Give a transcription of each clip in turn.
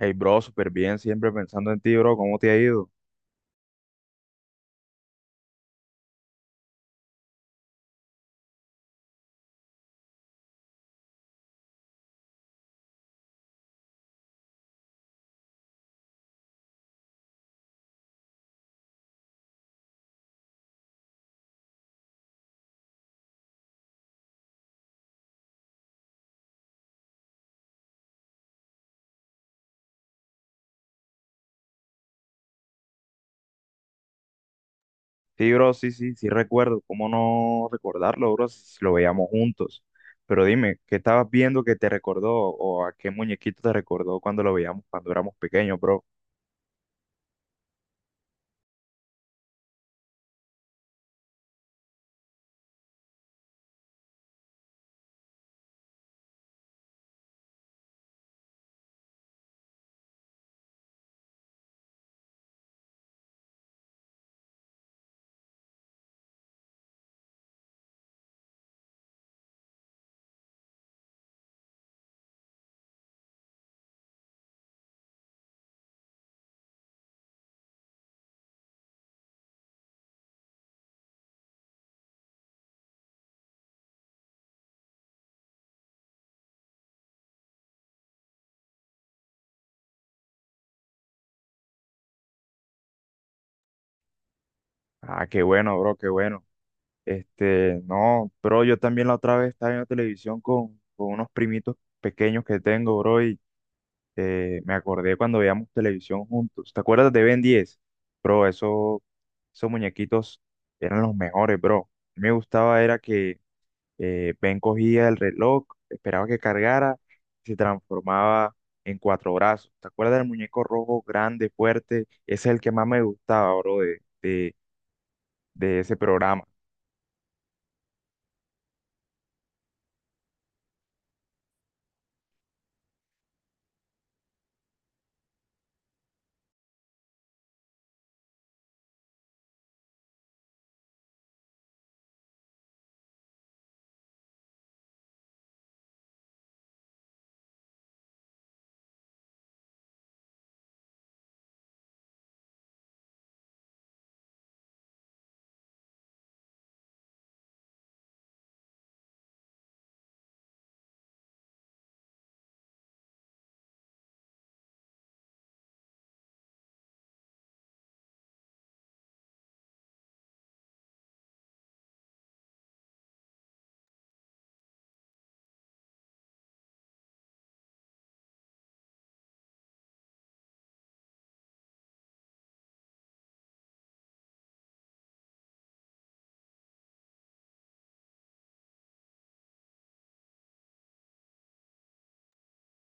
Hey, bro, súper bien, siempre pensando en ti, bro, ¿cómo te ha ido? Sí, bro, sí, sí, sí recuerdo, ¿cómo no recordarlo, bro, si lo veíamos juntos? Pero dime, ¿qué estabas viendo que te recordó o a qué muñequito te recordó cuando lo veíamos cuando éramos pequeños, bro? Ah, qué bueno, bro, qué bueno. Este, no, bro, yo también la otra vez estaba viendo televisión con unos primitos pequeños que tengo, bro, me acordé cuando veíamos televisión juntos. ¿Te acuerdas de Ben 10? Bro, eso, esos muñequitos eran los mejores, bro. A mí me gustaba era que Ben cogía el reloj, esperaba que cargara y se transformaba en cuatro brazos. ¿Te acuerdas del muñeco rojo, grande, fuerte? Ese es el que más me gustaba, bro, de ese programa.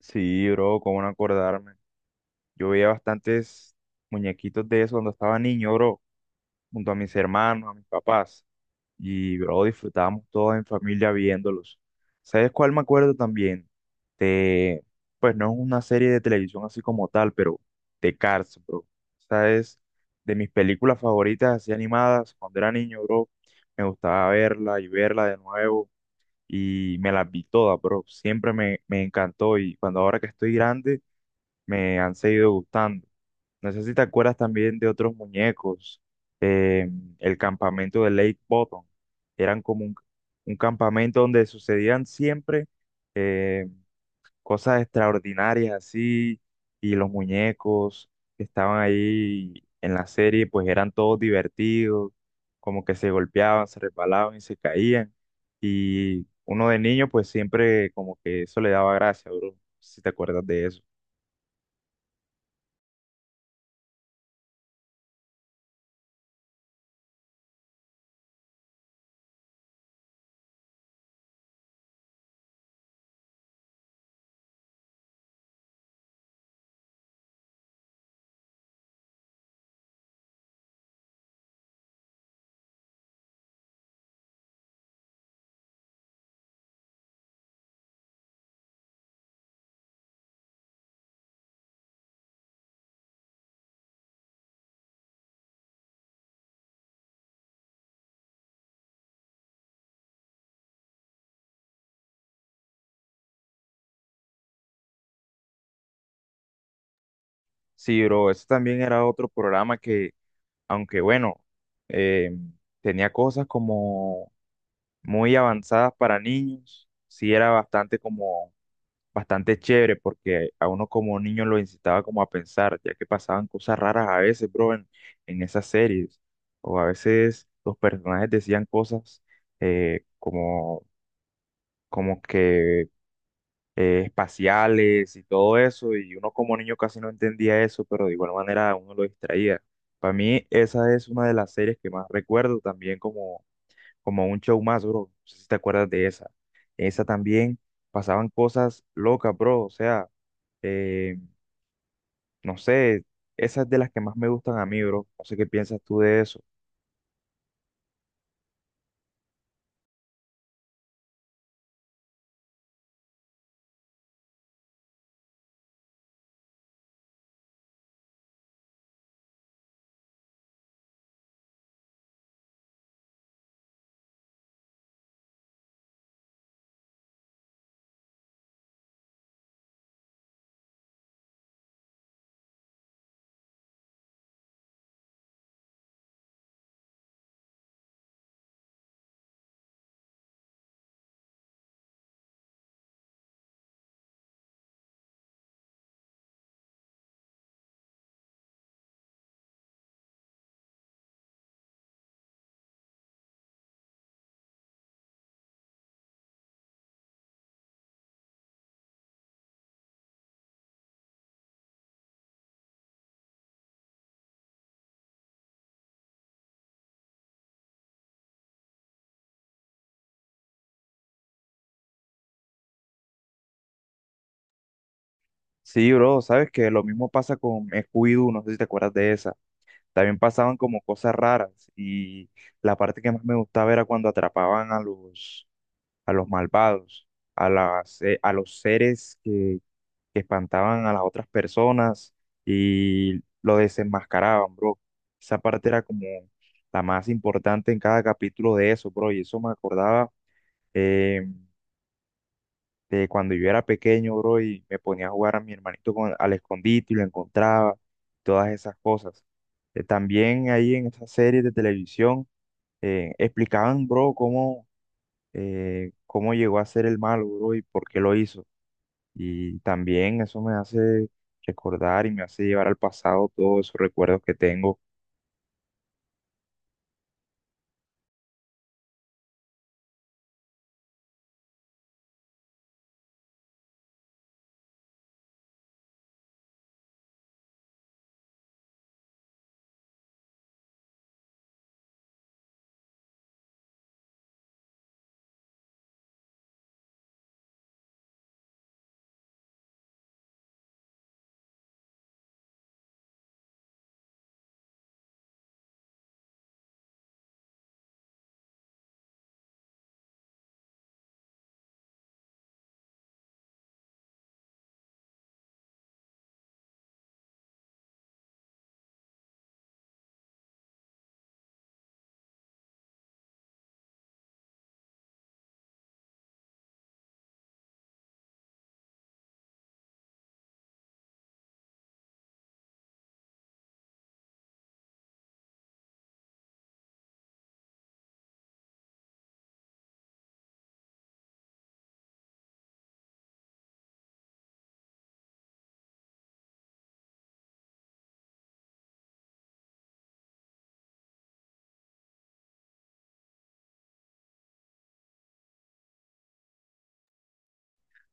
Sí, bro, cómo no acordarme. Yo veía bastantes muñequitos de eso cuando estaba niño, bro, junto a mis hermanos, a mis papás. Y, bro, disfrutábamos todos en familia viéndolos. ¿Sabes cuál me acuerdo también? De, pues no es una serie de televisión así como tal, pero de Cars, bro. ¿Sabes? De mis películas favoritas así animadas cuando era niño, bro. Me gustaba verla y verla de nuevo y me las vi todas, bro. Siempre me encantó y cuando ahora que estoy grande me han seguido gustando. No sé si te acuerdas también de otros muñecos, eh, el campamento de Lake Bottom. Eran como un campamento donde sucedían siempre eh, cosas extraordinarias así, y los muñecos que estaban ahí en la serie, pues eran todos divertidos, como que se golpeaban, se resbalaban y se caían. Y uno de niño, pues siempre como que eso le daba gracia, bro. No, si te acuerdas de eso. Sí, bro, eso también era otro programa que, aunque bueno, eh, tenía cosas como muy avanzadas para niños, sí era bastante como, bastante chévere porque a uno como niño lo incitaba como a pensar, ya que pasaban cosas raras a veces, bro, en esas series, o a veces los personajes decían cosas como, como que espaciales y todo eso, y uno como niño casi no entendía eso, pero de igual manera uno lo distraía. Para mí esa es una de las series que más recuerdo también como, como un show más, bro. No sé si te acuerdas de esa. En esa también pasaban cosas locas, bro. O sea, eh, no sé, esa es de las que más me gustan a mí, bro. No sé qué piensas tú de eso. Sí, bro, sabes que lo mismo pasa con Scooby-Doo, no sé si te acuerdas de esa. También pasaban como cosas raras y la parte que más me gustaba era cuando atrapaban a a los malvados, a las, a los seres que espantaban a las otras personas y lo desenmascaraban, bro. Esa parte era como la más importante en cada capítulo de eso, bro, y eso me acordaba. em, de cuando yo era pequeño, bro, y me ponía a jugar a mi hermanito con, al escondite y lo encontraba, todas esas cosas. También ahí en esas series de televisión explicaban, bro, cómo, cómo llegó a ser el malo, bro, y por qué lo hizo. Y también eso me hace recordar y me hace llevar al pasado todos esos recuerdos que tengo.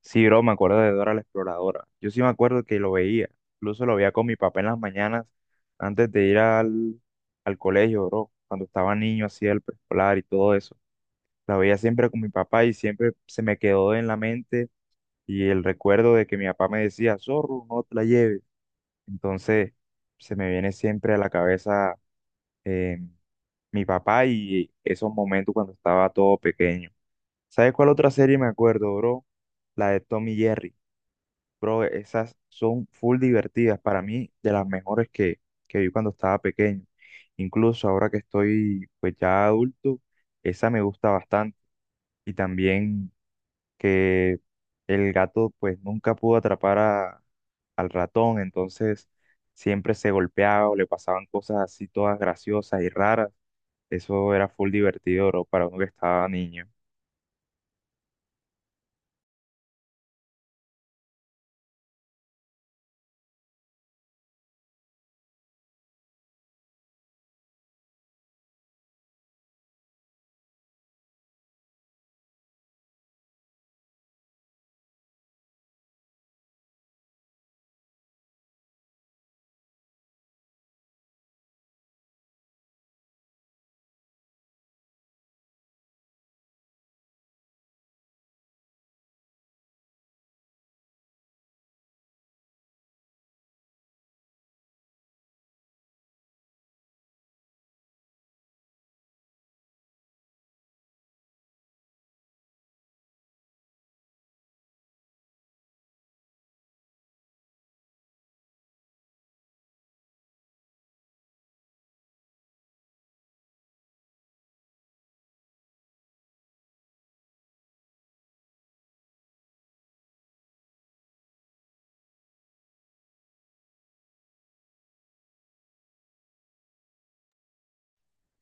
Sí, bro, me acuerdo de Dora la Exploradora. Yo sí me acuerdo que lo veía. Incluso lo veía con mi papá en las mañanas antes de ir al colegio, bro. Cuando estaba niño, hacía el preescolar y todo eso. La veía siempre con mi papá y siempre se me quedó en la mente y el recuerdo de que mi papá me decía, Zorro, no te la lleves. Entonces, se me viene siempre a la cabeza eh, mi papá y esos momentos cuando estaba todo pequeño. ¿Sabes cuál otra serie me acuerdo, bro? La de Tommy Jerry. Bro, esas son full divertidas para mí, de las mejores que vi cuando estaba pequeño. Incluso ahora que estoy pues ya adulto, esa me gusta bastante. Y también que el gato pues nunca pudo atrapar a- al ratón, entonces siempre se golpeaba o le pasaban cosas así todas graciosas y raras. Eso era full divertido, bro, para uno que estaba niño.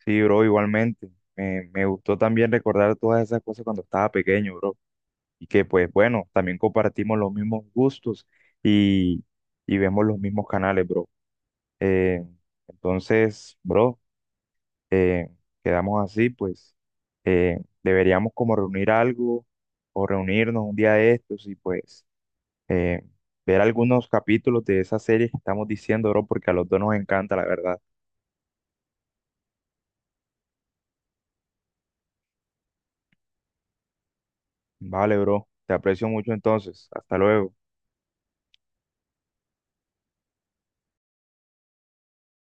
Sí, bro, igualmente. Me gustó también recordar todas esas cosas cuando estaba pequeño, bro. Y que pues bueno, también compartimos los mismos gustos y, y vemos los mismos canales, bro. Eh, entonces, bro, eh, quedamos así, pues deberíamos como reunir algo o reunirnos un día de estos y pues eh, ver algunos capítulos de esas series que estamos diciendo, bro, porque a los dos nos encanta, la verdad. Vale, bro, te aprecio mucho entonces. Hasta luego.